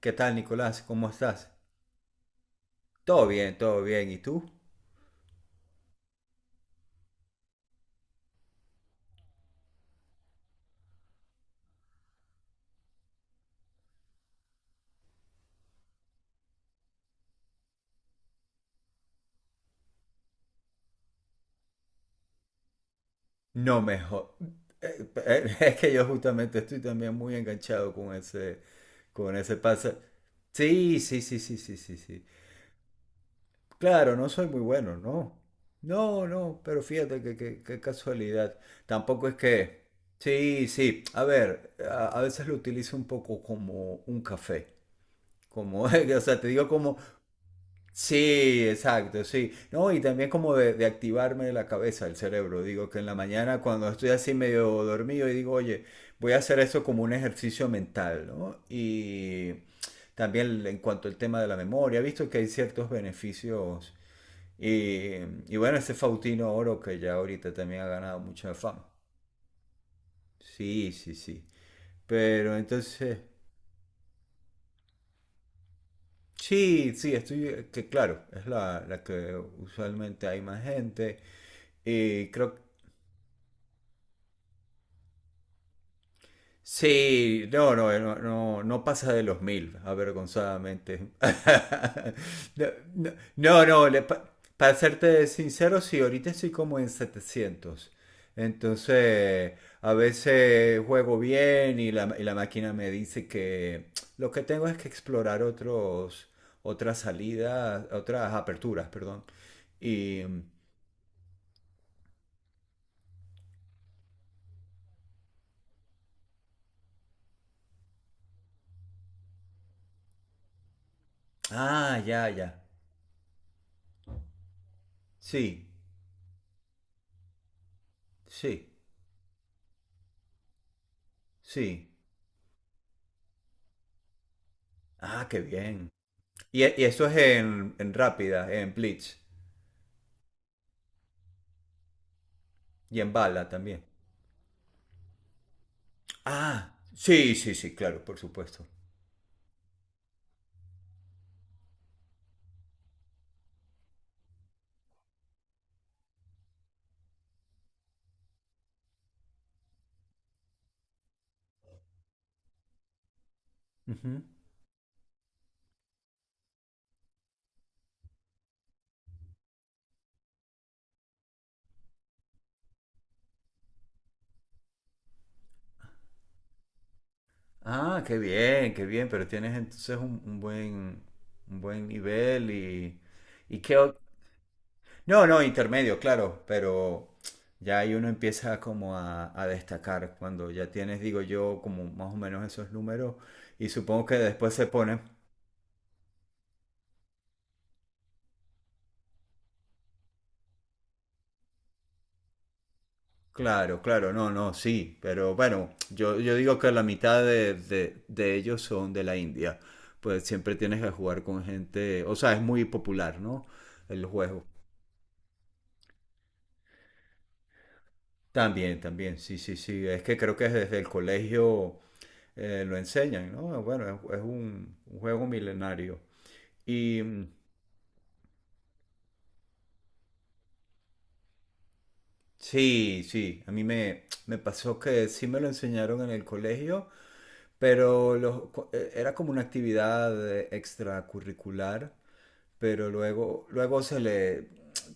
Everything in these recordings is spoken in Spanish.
¿Qué tal, Nicolás? ¿Cómo estás? Todo bien, todo bien. ¿Y tú? No mejor. Es que yo justamente estoy también muy enganchado con ese pase. Sí, sí, sí, sí, sí, sí, sí. Claro, no soy muy bueno, no. No, no, pero fíjate qué casualidad. Tampoco es que... Sí, sí. A ver, a veces lo utilizo un poco como un café. Como, o sea, te digo como, sí, exacto, sí. No, y también como de activarme la cabeza, el cerebro. Digo que en la mañana cuando estoy así medio dormido y digo, oye, voy a hacer eso como un ejercicio mental, ¿no? Y también en cuanto al tema de la memoria, he visto que hay ciertos beneficios. Y, y bueno, ese Faustino Oro que ya ahorita también ha ganado mucha fama. Sí, sí, sí. Pero entonces... Sí, sí, estoy, que claro, es la que usualmente hay más gente. Y creo sí, no, no, no, no, no pasa de los 1000, avergonzadamente. No, no, no, no, para serte sincero, sí, ahorita estoy como en 700. Entonces, a veces juego bien y la, máquina me dice que lo que tengo es que explorar otros, otras salidas, otras aperturas, perdón. Y, ah, ya, ya. Sí, sí, sí. Ah, qué bien. Y eso es en, rápida, en blitz y en bala también. Ah, sí, sí, sí, claro, por supuesto. Ujú. Ah, qué bien, pero tienes entonces un buen nivel y qué... No, no, intermedio, claro, pero ya ahí uno empieza como a destacar cuando ya tienes, digo yo, como más o menos esos números y supongo que después se ponen claro, claro, no, no, sí, pero bueno, yo digo que la mitad de ellos son de la India, pues siempre tienes que jugar con gente, o sea, es muy popular, ¿no? El juego. También, también, sí, sí, sí, es que creo que desde el colegio lo enseñan, ¿no? Bueno, es un juego milenario. Y mm, sí, sí, a mí me pasó que sí me lo enseñaron en el colegio, pero era como una actividad extracurricular. Pero luego se le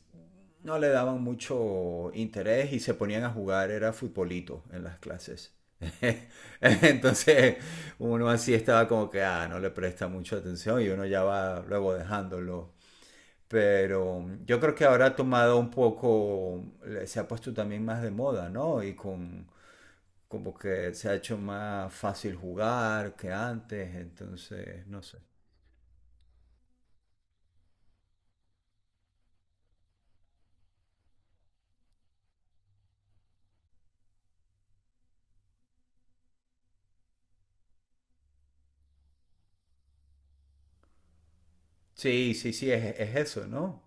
no le daban mucho interés y se ponían a jugar, era futbolito en las clases. Entonces uno así estaba como que, ah, no le presta mucha atención y uno ya va luego dejándolo. Pero yo creo que ahora ha tomado un poco, se ha puesto también más de moda, ¿no? Y con como que se ha hecho más fácil jugar que antes, entonces, no sé. Sí, sí, sí, es eso, ¿no?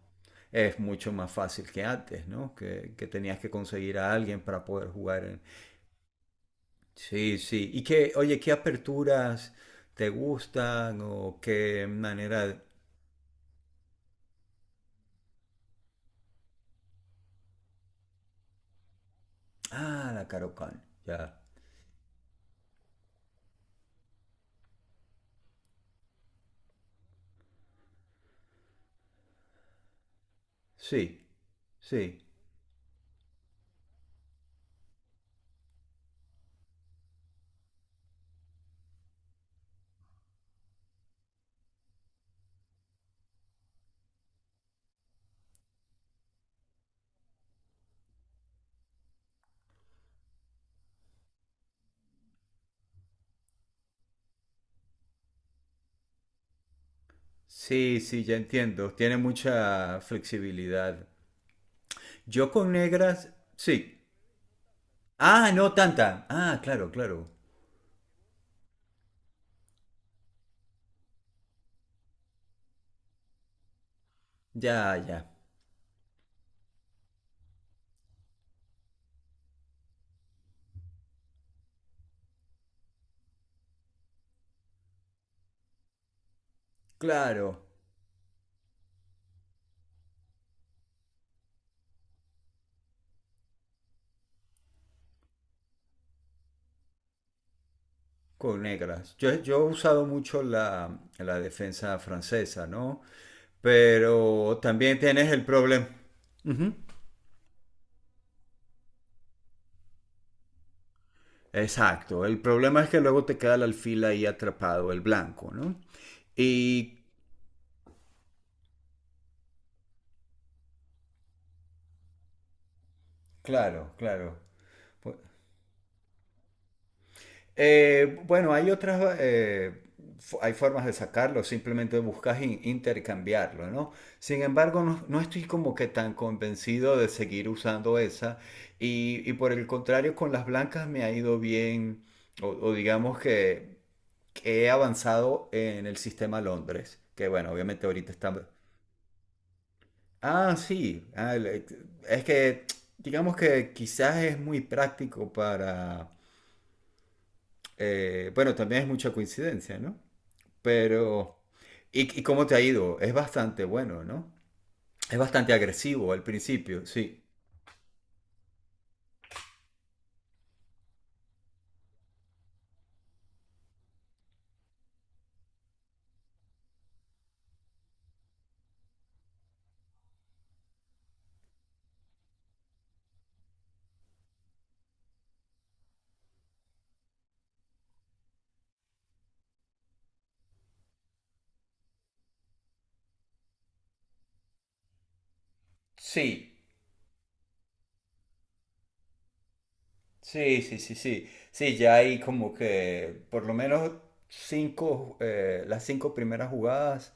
Es mucho más fácil que antes, ¿no? Que tenías que conseguir a alguien para poder jugar en... Sí, sí. Y qué, oye, ¿qué aperturas te gustan o qué manera... Ah, la Karokan, ya. Sí, sí. Sí, sí, ya entiendo. Tiene mucha flexibilidad. Yo con negras, sí. Ah, no tanta. Ah, claro, claro. Ya, ya. Claro. Con negras. Yo he usado mucho la defensa francesa, ¿no? Pero también tienes el problema. Ujú. Exacto. El problema es que luego te queda el alfil ahí atrapado, el blanco, ¿no? Y claro, claro. Bueno, hay otras, hay formas de sacarlo, simplemente buscas intercambiarlo, ¿no? Sin embargo, no estoy como que tan convencido de seguir usando esa y por el contrario, con las blancas me ha ido bien, o digamos que he avanzado en el sistema Londres, que bueno, obviamente ahorita está... Ah, sí, ah, es que digamos que quizás es muy práctico para... bueno, también es mucha coincidencia, ¿no? Pero, ¿y cómo te ha ido? Es bastante bueno, ¿no? Es bastante agresivo al principio, sí. Sí, sí, sí, sí, sí. Sí, ya hay como que por lo menos las cinco primeras jugadas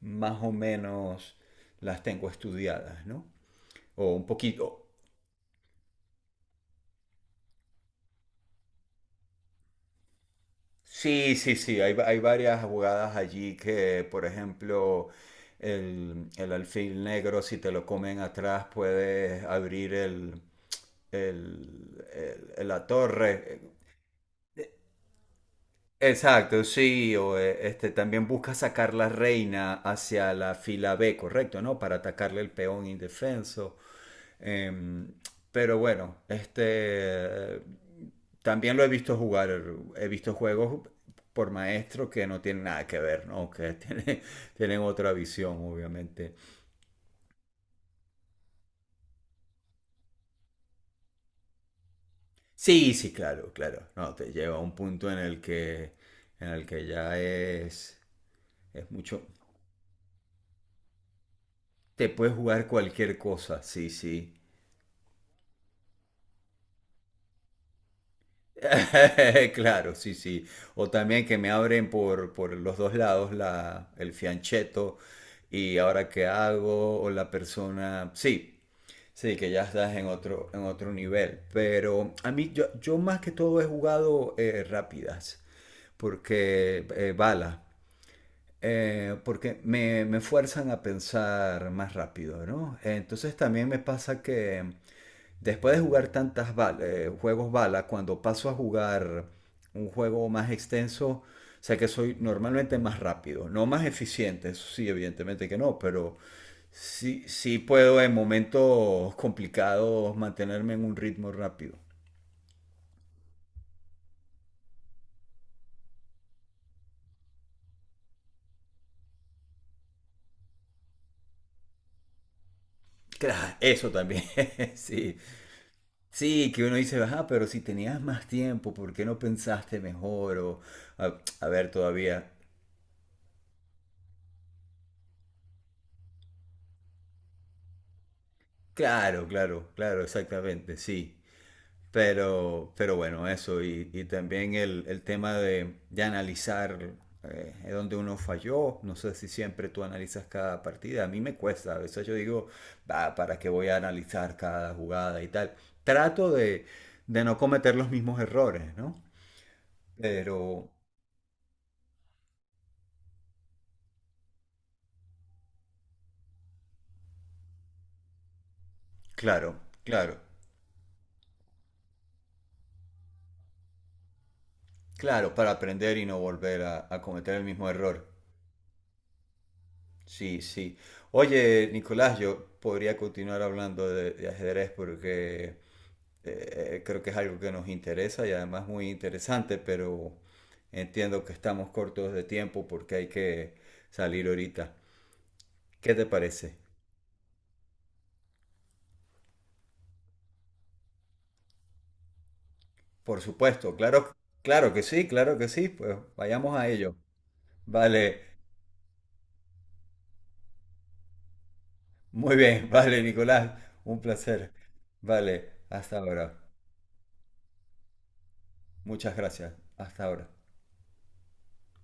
más o menos las tengo estudiadas, ¿no? O un poquito. Sí, sí, sí, hay varias jugadas allí que, por ejemplo, el alfil negro, si te lo comen atrás, puedes abrir la torre. Exacto, sí, o este también busca sacar la reina hacia la fila B, correcto, ¿no? Para atacarle el peón indefenso. Em, pero bueno, este también lo he visto jugar, he visto juegos por maestro que no tienen nada que ver, ¿no? Que tienen, tienen otra visión, obviamente. Sí, sí, claro, claro. No, te lleva a un punto en el que ya es mucho. Te puedes jugar cualquier cosa, sí, sí. Claro, sí, sí. O también que me abren por los dos lados el fiancheto y ahora qué hago, o la persona. Sí, sí, que ya estás en otro nivel. Pero a mí, yo más que todo he jugado rápidas, porque bala. Porque me fuerzan a pensar más rápido, ¿no? Entonces también me pasa que después de jugar tantas juegos bala, cuando paso a jugar un juego más extenso, o sea que soy normalmente más rápido, no más eficiente, eso sí, evidentemente que no, pero sí, sí puedo en momentos complicados mantenerme en un ritmo rápido. Claro, eso también, sí. Sí, que uno dice, ajá, pero si tenías más tiempo, ¿por qué no pensaste mejor? O, a ver, todavía. Claro, claro, claro, exactamente, sí. Pero bueno, eso. Y también el tema de analizar es uno falló. No sé si siempre tú analizas cada partida. A mí me cuesta. A veces yo digo, "Bah, ¿para qué voy a analizar cada jugada y tal? Trato de no cometer los mismos errores, ¿no?" Pero, claro, claro. Claro, para aprender y no volver a cometer el mismo error. Sí, sí. Oye, Nicolás, yo podría continuar hablando de ajedrez porque creo que es algo que nos interesa y además muy interesante, pero entiendo que estamos cortos de tiempo porque hay que salir ahorita. ¿Qué te parece? Por supuesto, claro, claro que sí, pues vayamos a ello. Vale, muy bien, vale, Nicolás, un placer. Vale, hasta ahora. Muchas gracias. Hasta ahora.